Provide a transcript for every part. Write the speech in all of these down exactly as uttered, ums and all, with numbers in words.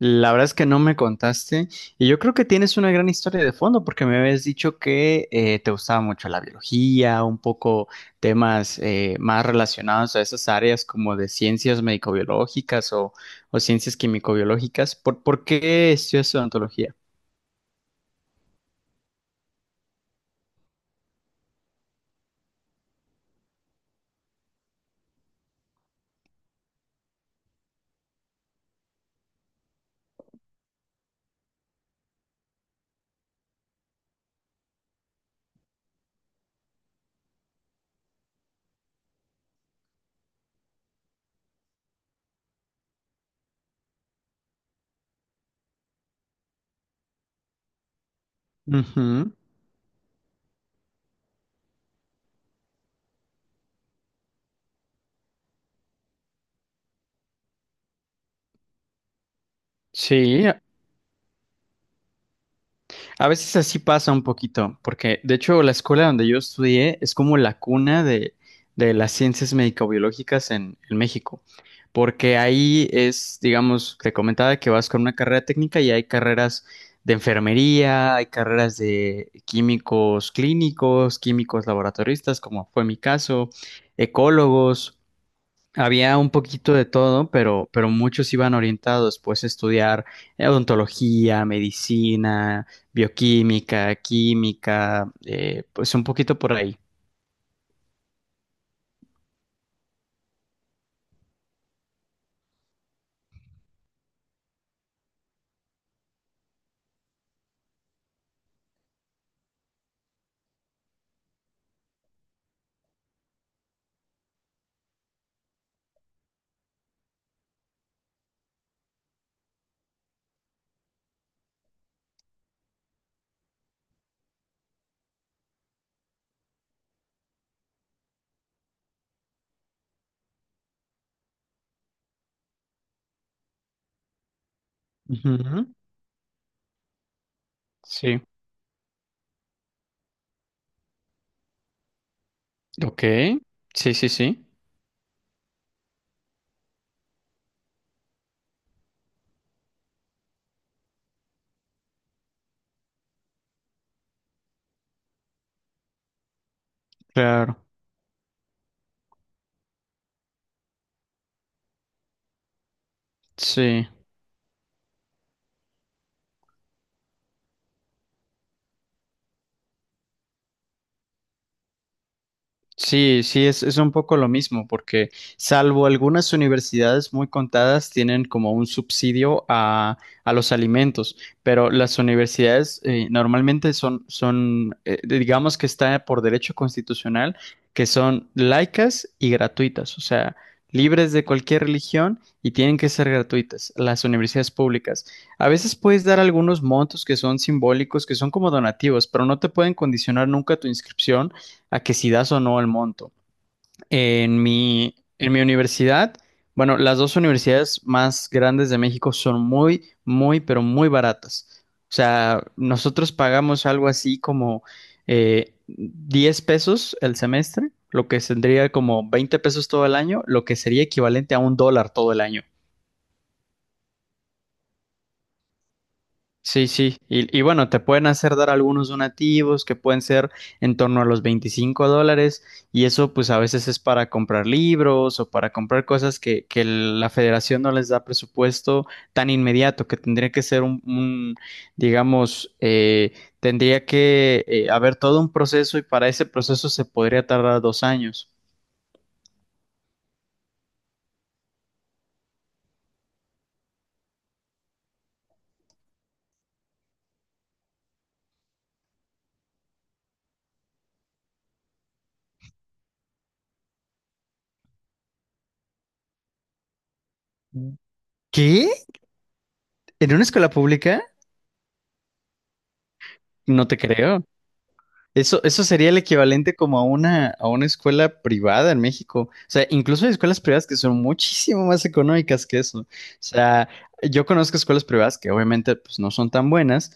La verdad es que no me contaste y yo creo que tienes una gran historia de fondo porque me habías dicho que eh, te gustaba mucho la biología, un poco temas eh, más relacionados a esas áreas como de ciencias médico-biológicas o, o ciencias químico-biológicas. ¿Por, por qué estudias odontología? Ujú. Sí. A veces así pasa un poquito, porque de hecho la escuela donde yo estudié es como la cuna de, de las ciencias médico-biológicas en, en México, porque ahí es, digamos, te comentaba que vas con una carrera técnica y hay carreras de enfermería, hay carreras de químicos clínicos, químicos laboratoristas, como fue mi caso, ecólogos. Había un poquito de todo, pero, pero muchos iban orientados pues a estudiar odontología, medicina, bioquímica, química, eh, pues un poquito por ahí. Ujú. Sí. Ok. Sí, sí, sí. Claro. Sí. Sí, sí, es, es un poco lo mismo, porque salvo algunas universidades muy contadas tienen como un subsidio a, a los alimentos, pero las universidades eh, normalmente son, son eh, digamos que está por derecho constitucional, que son laicas y gratuitas, o sea, libres de cualquier religión y tienen que ser gratuitas, las universidades públicas. A veces puedes dar algunos montos que son simbólicos, que son como donativos, pero no te pueden condicionar nunca tu inscripción a que si das o no el monto. En mi, en mi universidad, bueno, las dos universidades más grandes de México son muy, muy, pero muy baratas. O sea, nosotros pagamos algo así como eh, diez pesos el semestre, lo que tendría como veinte pesos todo el año, lo que sería equivalente a un dólar todo el año. Sí, sí. Y, y bueno, te pueden hacer dar algunos donativos que pueden ser en torno a los veinticinco dólares y eso pues a veces es para comprar libros o para comprar cosas que, que la federación no les da presupuesto tan inmediato, que tendría que ser un, un, digamos, eh, tendría que eh, haber todo un proceso y para ese proceso se podría tardar dos años. ¿Qué? ¿En una escuela pública? No te creo. Eso, eso sería el equivalente como a una, a una escuela privada en México. O sea, incluso hay escuelas privadas que son muchísimo más económicas que eso. O sea, yo conozco escuelas privadas que obviamente pues, no son tan buenas,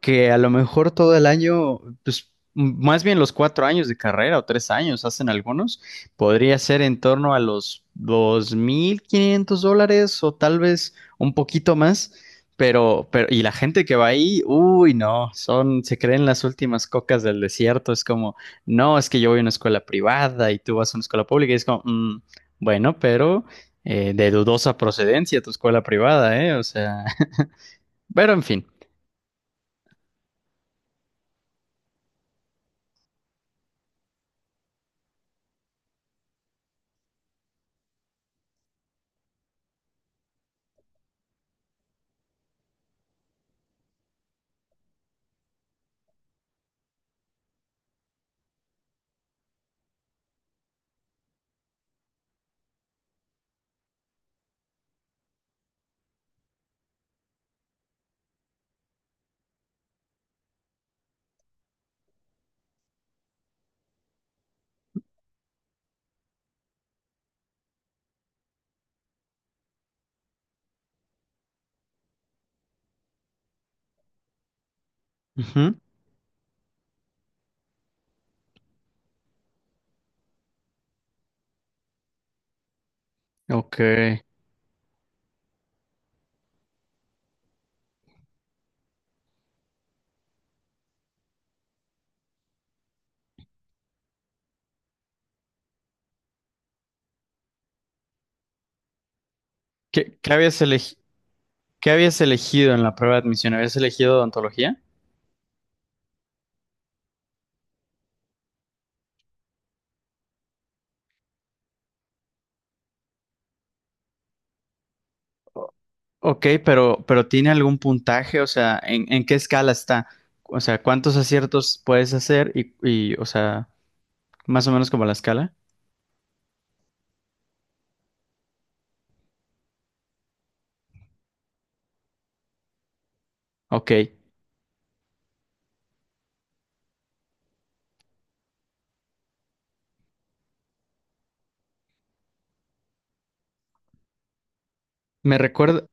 que a lo mejor todo el año, pues m- más bien los cuatro años de carrera o tres años hacen algunos, podría ser en torno a los dos mil quinientos dólares o tal vez un poquito más, pero, pero, y la gente que va ahí, uy, no, son, se creen las últimas cocas del desierto, es como, no, es que yo voy a una escuela privada y tú vas a una escuela pública, y es como, "Mm, bueno, pero eh, de dudosa procedencia tu escuela privada, ¿eh? O sea, pero en fin. Ujú. Ok. ¿Qué, qué habías elegi- qué habías elegido en la prueba de admisión? ¿Habías elegido odontología? Ok, pero, pero ¿tiene algún puntaje? O sea, ¿en, en qué escala está? O sea, ¿cuántos aciertos puedes hacer? Y, y, o sea, más o menos como la escala. Ok. Me recuerda,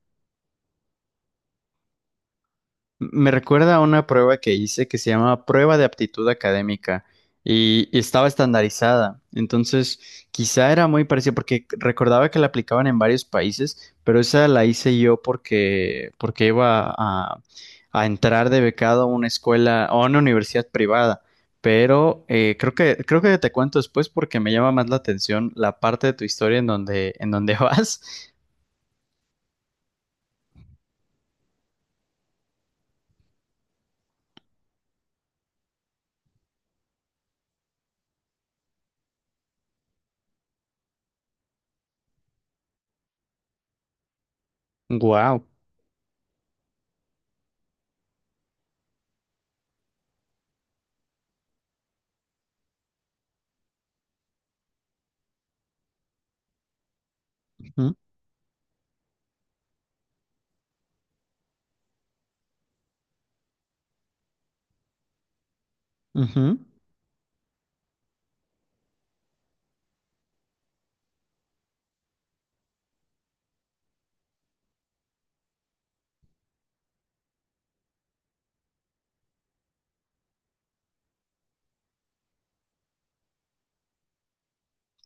Me recuerda a una prueba que hice que se llama prueba de aptitud académica y, y estaba estandarizada. Entonces, quizá era muy parecida porque recordaba que la aplicaban en varios países, pero esa la hice yo porque, porque iba a, a entrar de becado a una escuela o a una universidad privada. Pero eh, creo que, creo que te cuento después porque me llama más la atención la parte de tu historia en donde, en donde vas. Wow.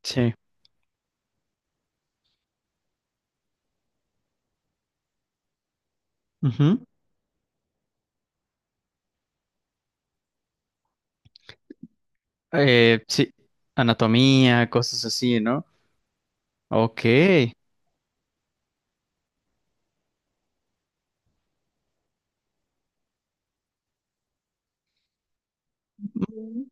Sí. Eh, sí, anatomía, cosas así, ¿no? Ok. Ujú.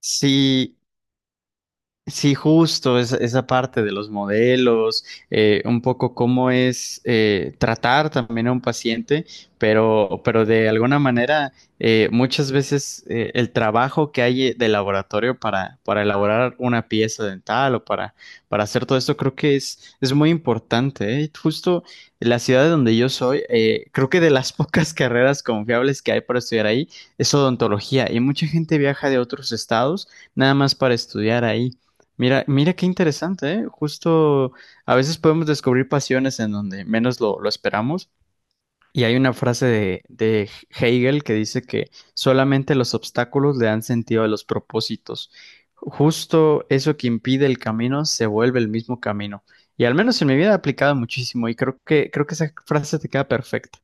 Sí, sí, justo, esa, esa parte de los modelos, eh, un poco cómo es eh, tratar también a un paciente, pero, pero de alguna manera eh, muchas veces eh, el trabajo que hay de laboratorio para, para elaborar una pieza dental o para, para hacer todo esto creo que es, es muy importante, ¿eh? Justo la ciudad de donde yo soy, eh, creo que de las pocas carreras confiables que hay para estudiar ahí es odontología y mucha gente viaja de otros estados nada más para estudiar ahí. Mira, mira qué interesante, ¿eh? Justo a veces podemos descubrir pasiones en donde menos lo, lo esperamos. Y hay una frase de, de Hegel que dice que solamente los obstáculos le dan sentido a los propósitos. Justo eso que impide el camino se vuelve el mismo camino. Y al menos en mi vida ha aplicado muchísimo y creo que, creo que esa frase te queda perfecta.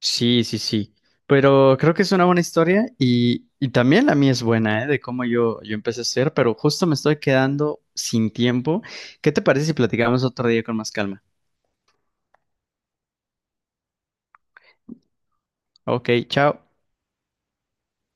Sí, sí, sí. Pero creo que es una buena historia y, y también la mía es buena, ¿eh? De cómo yo, yo empecé a ser, pero justo me estoy quedando sin tiempo. ¿Qué te parece si platicamos otro día con más calma? Ok, chao.